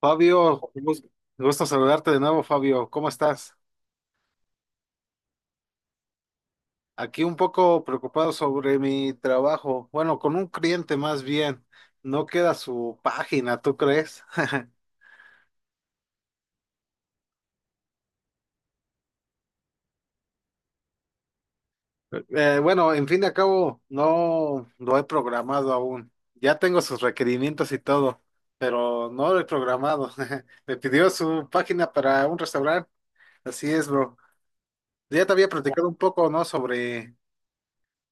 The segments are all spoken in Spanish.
Fabio, gusto saludarte de nuevo, Fabio. ¿Cómo estás? Aquí un poco preocupado sobre mi trabajo. Bueno, con un cliente más bien. No queda su página, ¿tú crees? Bueno, en fin de cabo, no lo he programado aún. Ya tengo sus requerimientos y todo, pero no lo he programado. Me pidió su página para un restaurante. Así es, bro. Ya te había platicado un poco, ¿no? Sobre,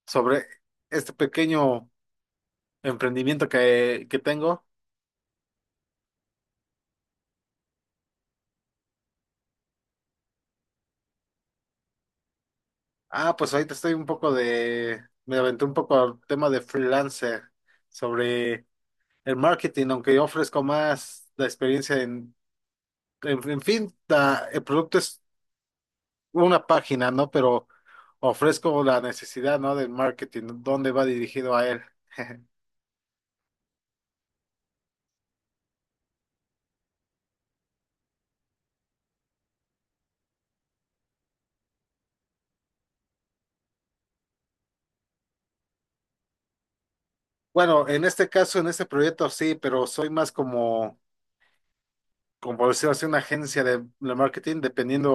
sobre este pequeño emprendimiento que tengo. Ah, pues ahorita estoy un poco de, me aventé un poco al tema de freelancer sobre el marketing, aunque yo ofrezco más la experiencia en, fin, la- el producto es una página, ¿no? Pero ofrezco la necesidad, ¿no? Del marketing, dónde va dirigido a él. Bueno, en este caso, en este proyecto sí, pero soy más como, por decirlo así, una agencia de marketing, dependiendo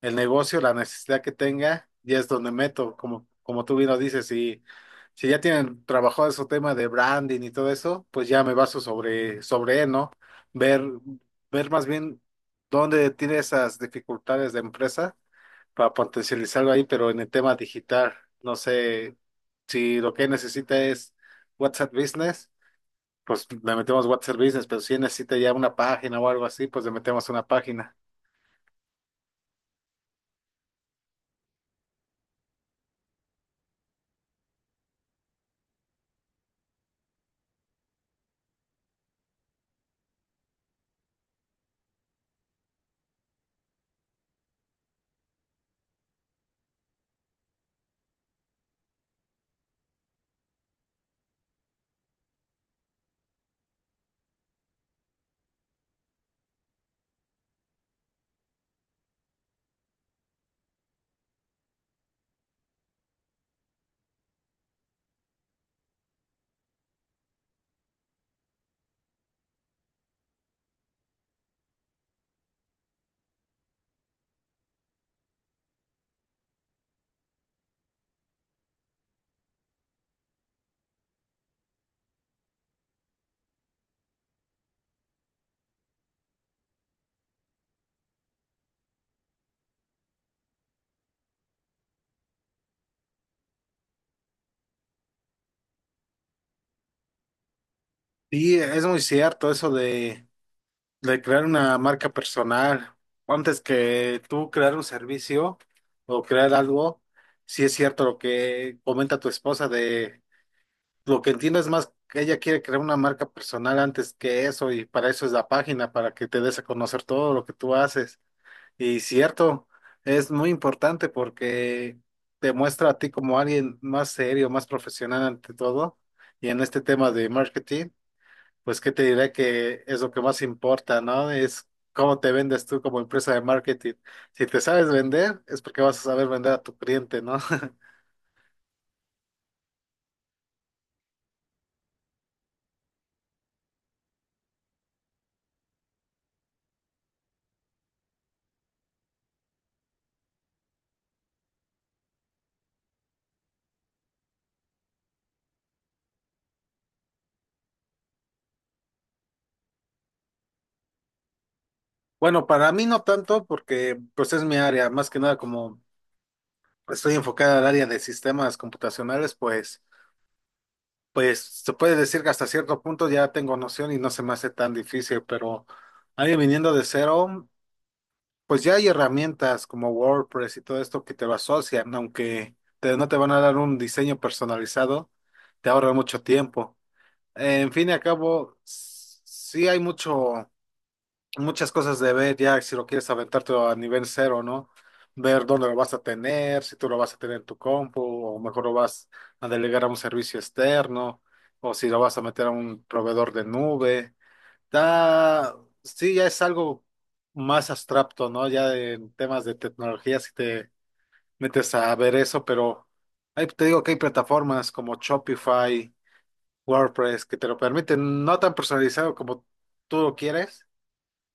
el negocio, la necesidad que tenga, ya es donde meto, como, como tú bien lo dices, si, ya tienen trabajado su tema de branding y todo eso, pues ya me baso sobre, él, ¿no? Ver, ver más bien dónde tiene esas dificultades de empresa para potencializarlo ahí, pero en el tema digital, no sé si lo que necesita es WhatsApp Business, pues le metemos WhatsApp Business, pero si necesita ya una página o algo así, pues le metemos una página. Y es muy cierto eso de crear una marca personal, antes que tú crear un servicio o crear algo, si es cierto lo que comenta tu esposa de lo que entiendo es más que ella quiere crear una marca personal antes que eso y para eso es la página, para que te des a conocer todo lo que tú haces. Y cierto, es muy importante porque te muestra a ti como alguien más serio, más profesional ante todo. Y en este tema de marketing. Pues qué te diré que es lo que más importa, ¿no? Es cómo te vendes tú como empresa de marketing. Si te sabes vender, es porque vas a saber vender a tu cliente, ¿no? Bueno, para mí no tanto porque pues es mi área, más que nada como estoy enfocada al área de sistemas computacionales, pues se puede decir que hasta cierto punto ya tengo noción y no se me hace tan difícil, pero alguien viniendo de cero pues ya hay herramientas como WordPress y todo esto que te lo asocian, aunque no te van a dar un diseño personalizado, te ahorra mucho tiempo. En fin y al cabo, sí hay mucho, muchas cosas de ver ya si lo quieres aventarte a nivel cero, ¿no? Ver dónde lo vas a tener, si tú lo vas a tener en tu compu, o mejor lo vas a delegar a un servicio externo, o si lo vas a meter a un proveedor de nube. Da, sí, ya es algo más abstracto, ¿no? Ya en temas de tecnología, si te metes a ver eso, pero ahí te digo que hay plataformas como Shopify, WordPress, que te lo permiten, no tan personalizado como tú lo quieres,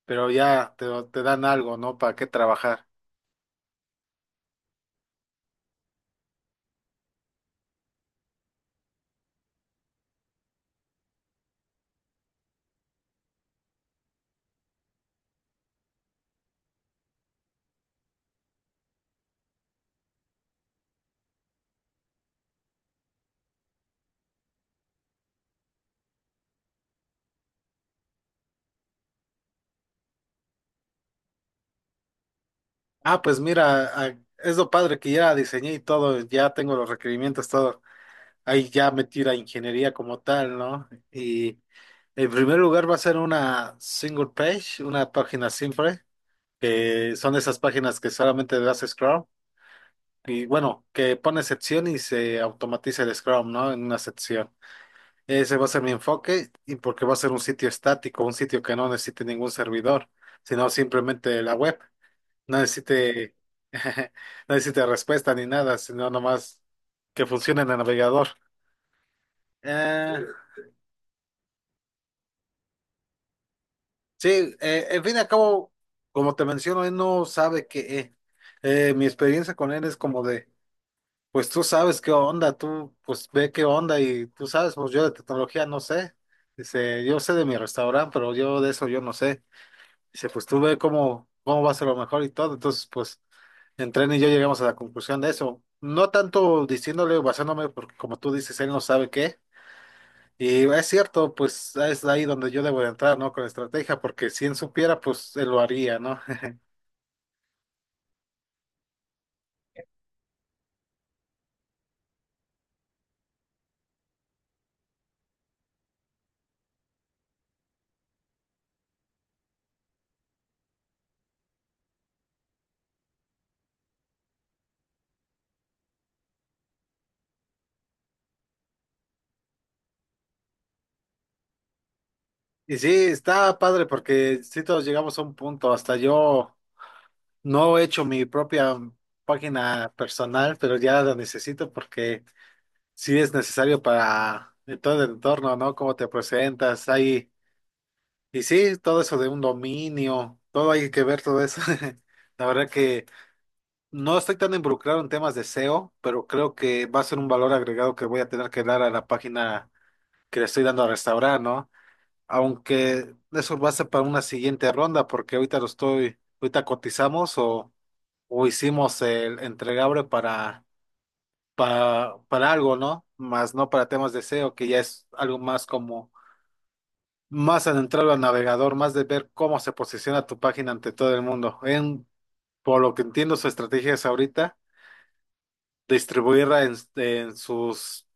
pero ya te dan algo, ¿no? Para qué trabajar. Ah, pues mira, ah, es lo padre que ya diseñé y todo, ya tengo los requerimientos, todo. Ahí ya metí la ingeniería como tal, ¿no? Y en primer lugar va a ser una single page, una página simple, que son esas páginas que solamente le das scroll. Y bueno, que pone sección y se automatiza el scroll, ¿no? En una sección. Ese va a ser mi enfoque y porque va a ser un sitio estático, un sitio que no necesite ningún servidor, sino simplemente la web. No necesite, no necesite respuesta ni nada, sino nomás que funcione en el navegador. Eh, Sí, en fin y al cabo, como te menciono, él no sabe qué. Mi experiencia con él es como de, pues tú sabes qué onda, tú pues ve qué onda y tú sabes, pues yo de tecnología no sé. Dice, yo sé de mi restaurante, pero yo de eso yo no sé. Dice, pues tú ve cómo, cómo va a ser lo mejor y todo. Entonces, pues entre él y yo llegamos a la conclusión de eso. No tanto diciéndole o basándome, porque como tú dices, él no sabe qué. Y es cierto, pues es ahí donde yo debo de entrar, ¿no? Con estrategia, porque si él supiera, pues él lo haría, ¿no? Y sí, está padre, porque si todos llegamos a un punto, hasta yo no he hecho mi propia página personal, pero ya la necesito porque sí es necesario para todo el entorno, ¿no? Cómo te presentas, ahí. Y sí, todo eso de un dominio, todo hay que ver todo eso. La verdad no estoy tan involucrado en temas de SEO, pero creo que va a ser un valor agregado que voy a tener que dar a la página que le estoy dando a restaurar, ¿no? Aunque eso va a ser para una siguiente ronda, porque ahorita lo estoy, ahorita cotizamos o, hicimos el entregable para algo, ¿no? Más no para temas de SEO, que ya es algo más como, más adentrado al navegador, más de ver cómo se posiciona tu página ante todo el mundo. En, por lo que entiendo, su estrategia es ahorita. Distribuir en sus,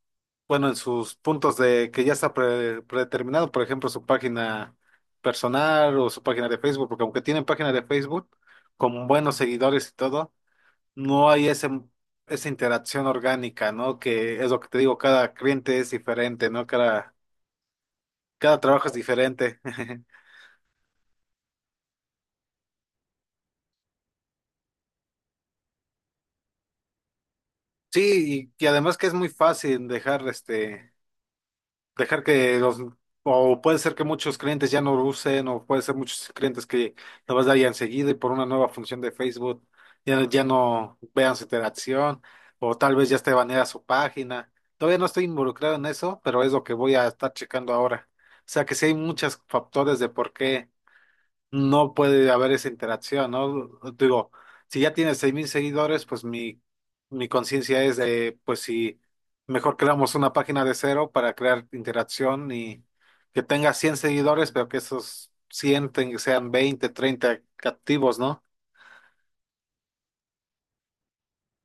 bueno, en sus puntos de que ya está predeterminado, por ejemplo, su página personal o su página de Facebook, porque aunque tienen página de Facebook con buenos seguidores y todo, no hay ese, esa interacción orgánica, ¿no? Que es lo que te digo, cada cliente es diferente, ¿no? cada, trabajo es diferente. Sí, y, además que es muy fácil dejar que los, o puede ser que muchos clientes ya no lo usen, o puede ser muchos clientes que lo vas a dar ya enseguida y por una nueva función de Facebook ya no vean su interacción, o tal vez ya esté baneada su página. Todavía no estoy involucrado en eso, pero es lo que voy a estar checando ahora. O sea que sí hay muchos factores de por qué no puede haber esa interacción, ¿no? Digo, si ya tienes 6,000 seguidores, pues mi, conciencia es de, pues si mejor creamos una página de cero para crear interacción y que tenga 100 seguidores, pero que esos 100 sean 20, 30 activos, ¿no?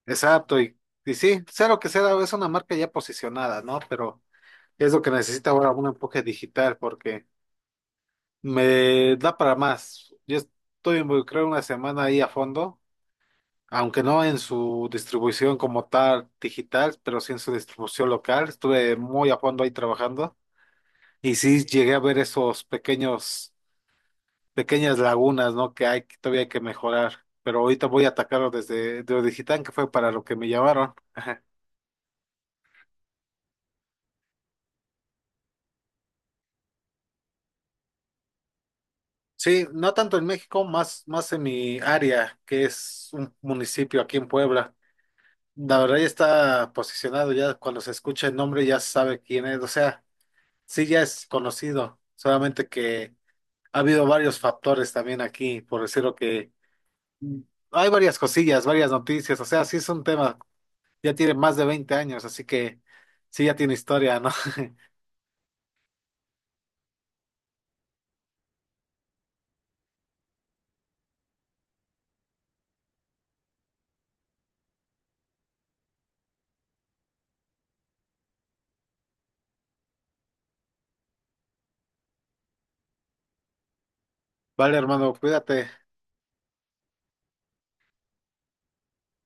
Exacto, y sí, cero que sea, es una marca ya posicionada, ¿no? Pero es lo que necesita ahora un empuje digital porque me da para más. Yo estoy involucrado una semana ahí a fondo aunque no en su distribución como tal digital, pero sí en su distribución local. Estuve muy a fondo ahí trabajando y sí llegué a ver esos pequeños, pequeñas lagunas, ¿no? Que hay, que todavía hay que mejorar. Pero ahorita voy a atacarlo desde de lo digital, que fue para lo que me llamaron. Ajá. Sí, no tanto en México, más, en mi área, que es un municipio aquí en Puebla. La verdad ya está posicionado, ya cuando se escucha el nombre ya se sabe quién es, o sea, sí ya es conocido, solamente que ha habido varios factores también aquí, por decirlo que mm, hay varias cosillas, varias noticias, o sea, sí es un tema, ya tiene más de 20 años, así que sí ya tiene historia, ¿no? Vale, hermano, cuídate.